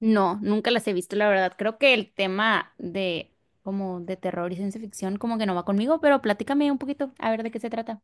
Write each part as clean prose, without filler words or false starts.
No, nunca las he visto, la verdad. Creo que el tema de como de terror y ciencia ficción como que no va conmigo, pero platícame un poquito a ver de qué se trata.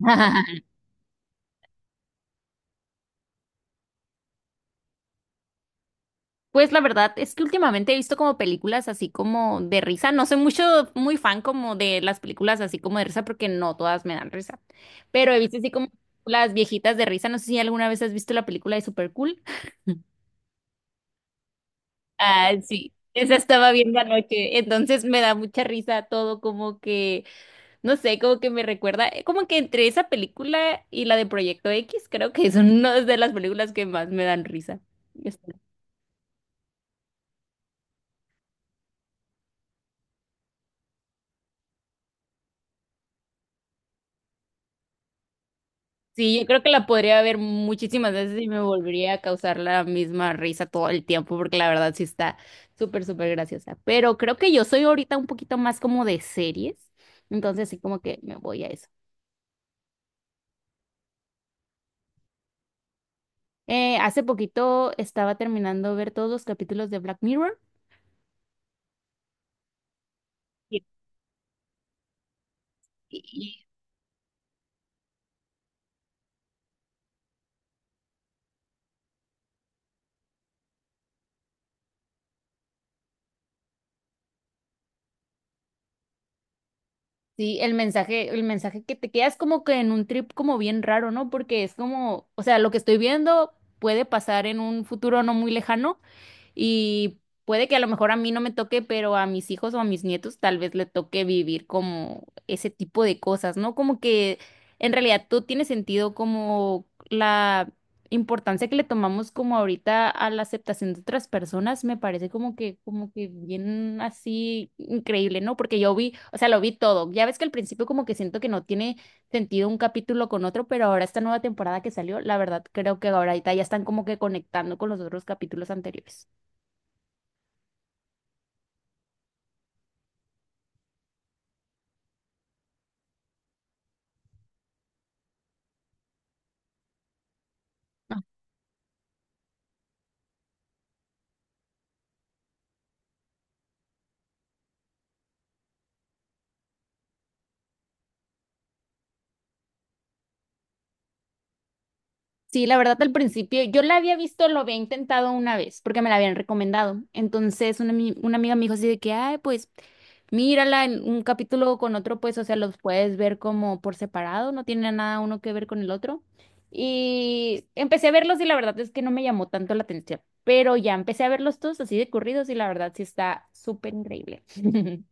Pues la verdad es que últimamente he visto como películas así como de risa. No soy mucho, muy fan como de las películas así como de risa porque no todas me dan risa. Pero he visto así como las viejitas de risa. No sé si alguna vez has visto la película de Super Cool. Ah, sí, esa estaba viendo anoche, entonces me da mucha risa todo como que. No sé, como que me recuerda, como que entre esa película y la de Proyecto X, creo que son una de las películas que más me dan risa. Este, sí, yo creo que la podría ver muchísimas veces y me volvería a causar la misma risa todo el tiempo, porque la verdad sí está súper, súper graciosa. Pero creo que yo soy ahorita un poquito más como de series, entonces sí como que me voy a eso. Hace poquito estaba terminando ver todos los capítulos de Black Mirror. Y sí, el mensaje que te quedas como que en un trip como bien raro, ¿no? Porque es como, o sea, lo que estoy viendo puede pasar en un futuro no muy lejano, y puede que a lo mejor a mí no me toque, pero a mis hijos o a mis nietos tal vez le toque vivir como ese tipo de cosas, ¿no? Como que en realidad todo tiene sentido como la importancia que le tomamos como ahorita a la aceptación de otras personas, me parece como que bien así increíble, ¿no? Porque yo vi, o sea, lo vi todo. Ya ves que al principio como que siento que no tiene sentido un capítulo con otro, pero ahora esta nueva temporada que salió, la verdad creo que ahorita ya están como que conectando con los otros capítulos anteriores. Ah, sí, la verdad al principio yo la había visto, lo había intentado una vez porque me la habían recomendado. Entonces una, una amiga me dijo así de que, ay, pues mírala en un capítulo con otro, pues o sea, los puedes ver como por separado, no tiene nada uno que ver con el otro. Y empecé a verlos y la verdad es que no me llamó tanto la atención, pero ya empecé a verlos todos así de corridos y la verdad sí está súper increíble.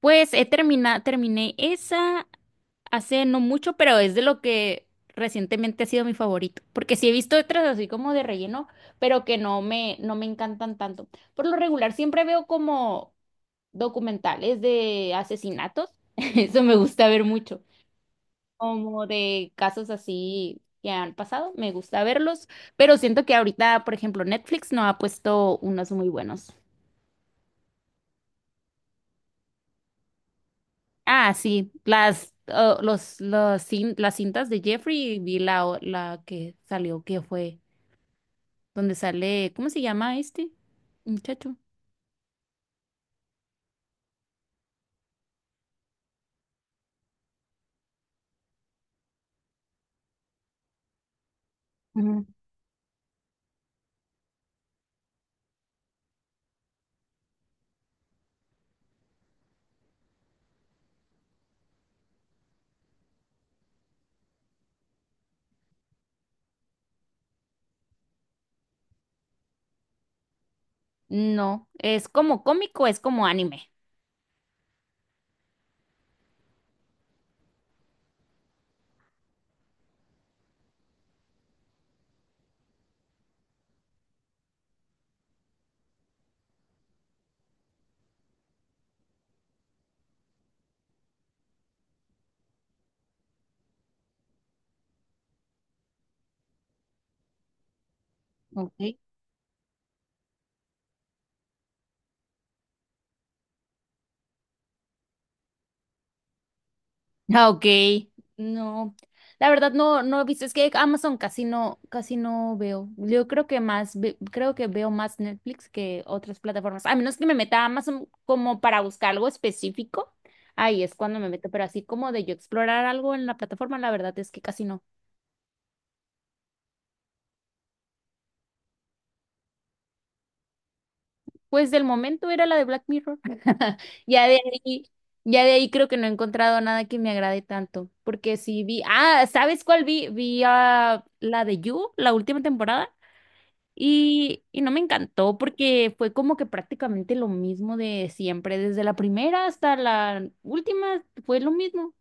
Pues terminé esa hace no mucho, pero es de lo que recientemente ha sido mi favorito, porque sí he visto otras así como de relleno, pero que no me, no me encantan tanto. Por lo regular siempre veo como documentales de asesinatos, eso me gusta ver mucho, como de casos así que han pasado, me gusta verlos, pero siento que ahorita, por ejemplo, Netflix no ha puesto unos muy buenos. Ah, sí, las, oh, los cin- las cintas de Jeffrey, vi la que salió, que fue, donde sale, ¿cómo se llama este muchacho? Ujú. No, es como cómico, es como anime. Ok. Ah, ok. No, la verdad no, no he visto. Es que Amazon casi no veo. Yo creo que creo que veo más Netflix que otras plataformas. A menos que me meta a Amazon como para buscar algo específico. Ahí es cuando me meto, pero así como de yo explorar algo en la plataforma, la verdad es que casi no. Pues del momento era la de Black Mirror. Ya de ahí, ya de ahí creo que no he encontrado nada que me agrade tanto. Porque sí vi, ah, ¿sabes cuál vi? Vi ah, la de You, la última temporada. Y no me encantó porque fue como que prácticamente lo mismo de siempre, desde la primera hasta la última fue lo mismo.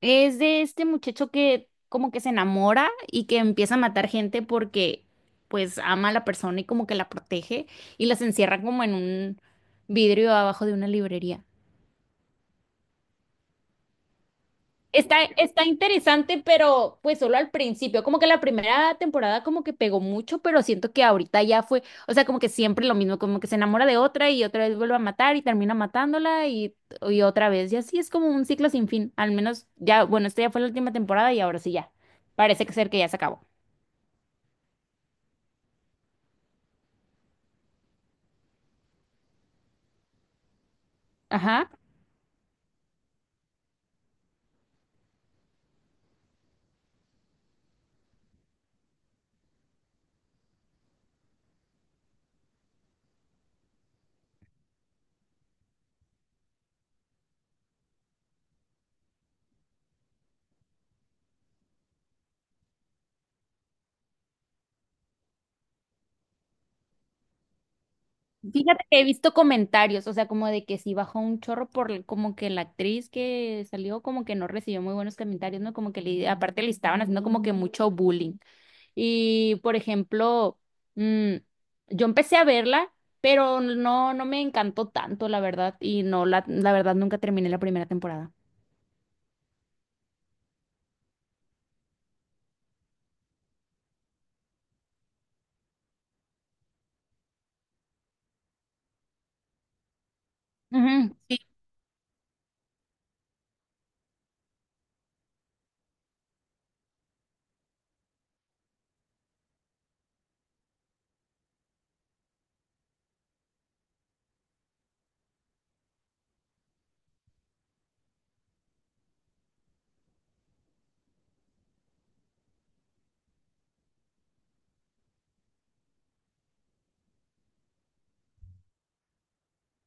Es de este muchacho que como que se enamora y que empieza a matar gente porque pues ama a la persona y como que la protege y las encierra como en un vidrio abajo de una librería. Está, está interesante, pero pues solo al principio, como que la primera temporada como que pegó mucho, pero siento que ahorita ya fue, o sea, como que siempre lo mismo, como que se enamora de otra y otra vez vuelve a matar y termina matándola y otra vez, y así es como un ciclo sin fin, al menos ya, bueno, esta ya fue la última temporada y ahora sí ya, parece que ser que ya se acabó. Ajá. Fíjate que he visto comentarios, o sea, como de que sí bajó un chorro por como que la actriz que salió como que no recibió muy buenos comentarios, ¿no? Como que le, aparte le estaban haciendo como que mucho bullying. Y, por ejemplo, mm, yo empecé a verla, pero no, no me encantó tanto, la verdad, y no, la verdad nunca terminé la primera temporada. Ujú, sí.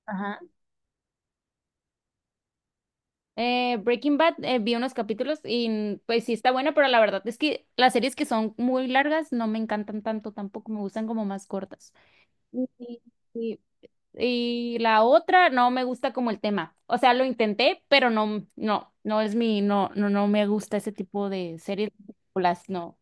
Ajá. Breaking Bad, vi unos capítulos y pues sí está buena, pero la verdad es que las series que son muy largas no me encantan tanto, tampoco me gustan como más cortas. Sí, sí. Y la otra no me gusta como el tema. O sea, lo intenté, pero no, no me gusta ese tipo de series, películas, no.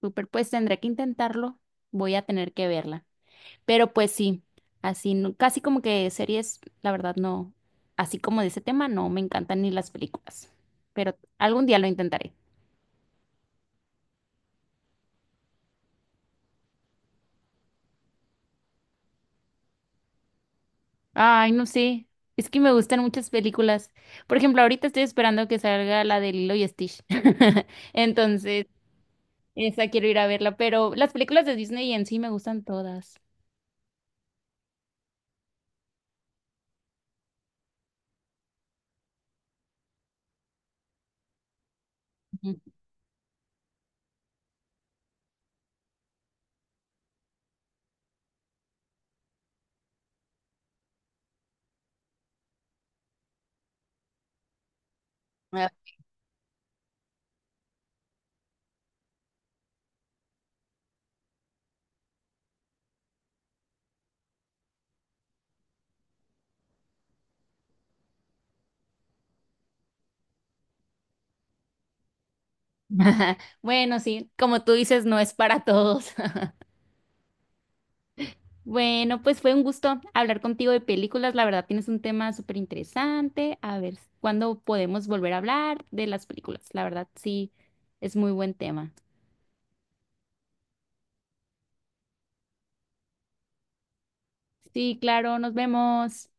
Super, pues tendré que intentarlo. Voy a tener que verla. Pero pues sí, así, casi como que series, la verdad no, así como de ese tema, no me encantan ni las películas. Pero algún día lo intentaré. Ay, no sé. Es que me gustan muchas películas. Por ejemplo, ahorita estoy esperando que salga la de Lilo y Stitch. Entonces. Esa quiero ir a verla, pero las películas de Disney en sí me gustan todas. Ujú. Bueno, sí, como tú dices, no es para todos. Bueno, pues fue un gusto hablar contigo de películas. La verdad, tienes un tema súper interesante. A ver, ¿cuándo podemos volver a hablar de las películas? La verdad, sí, es muy buen tema. Sí, claro, nos vemos.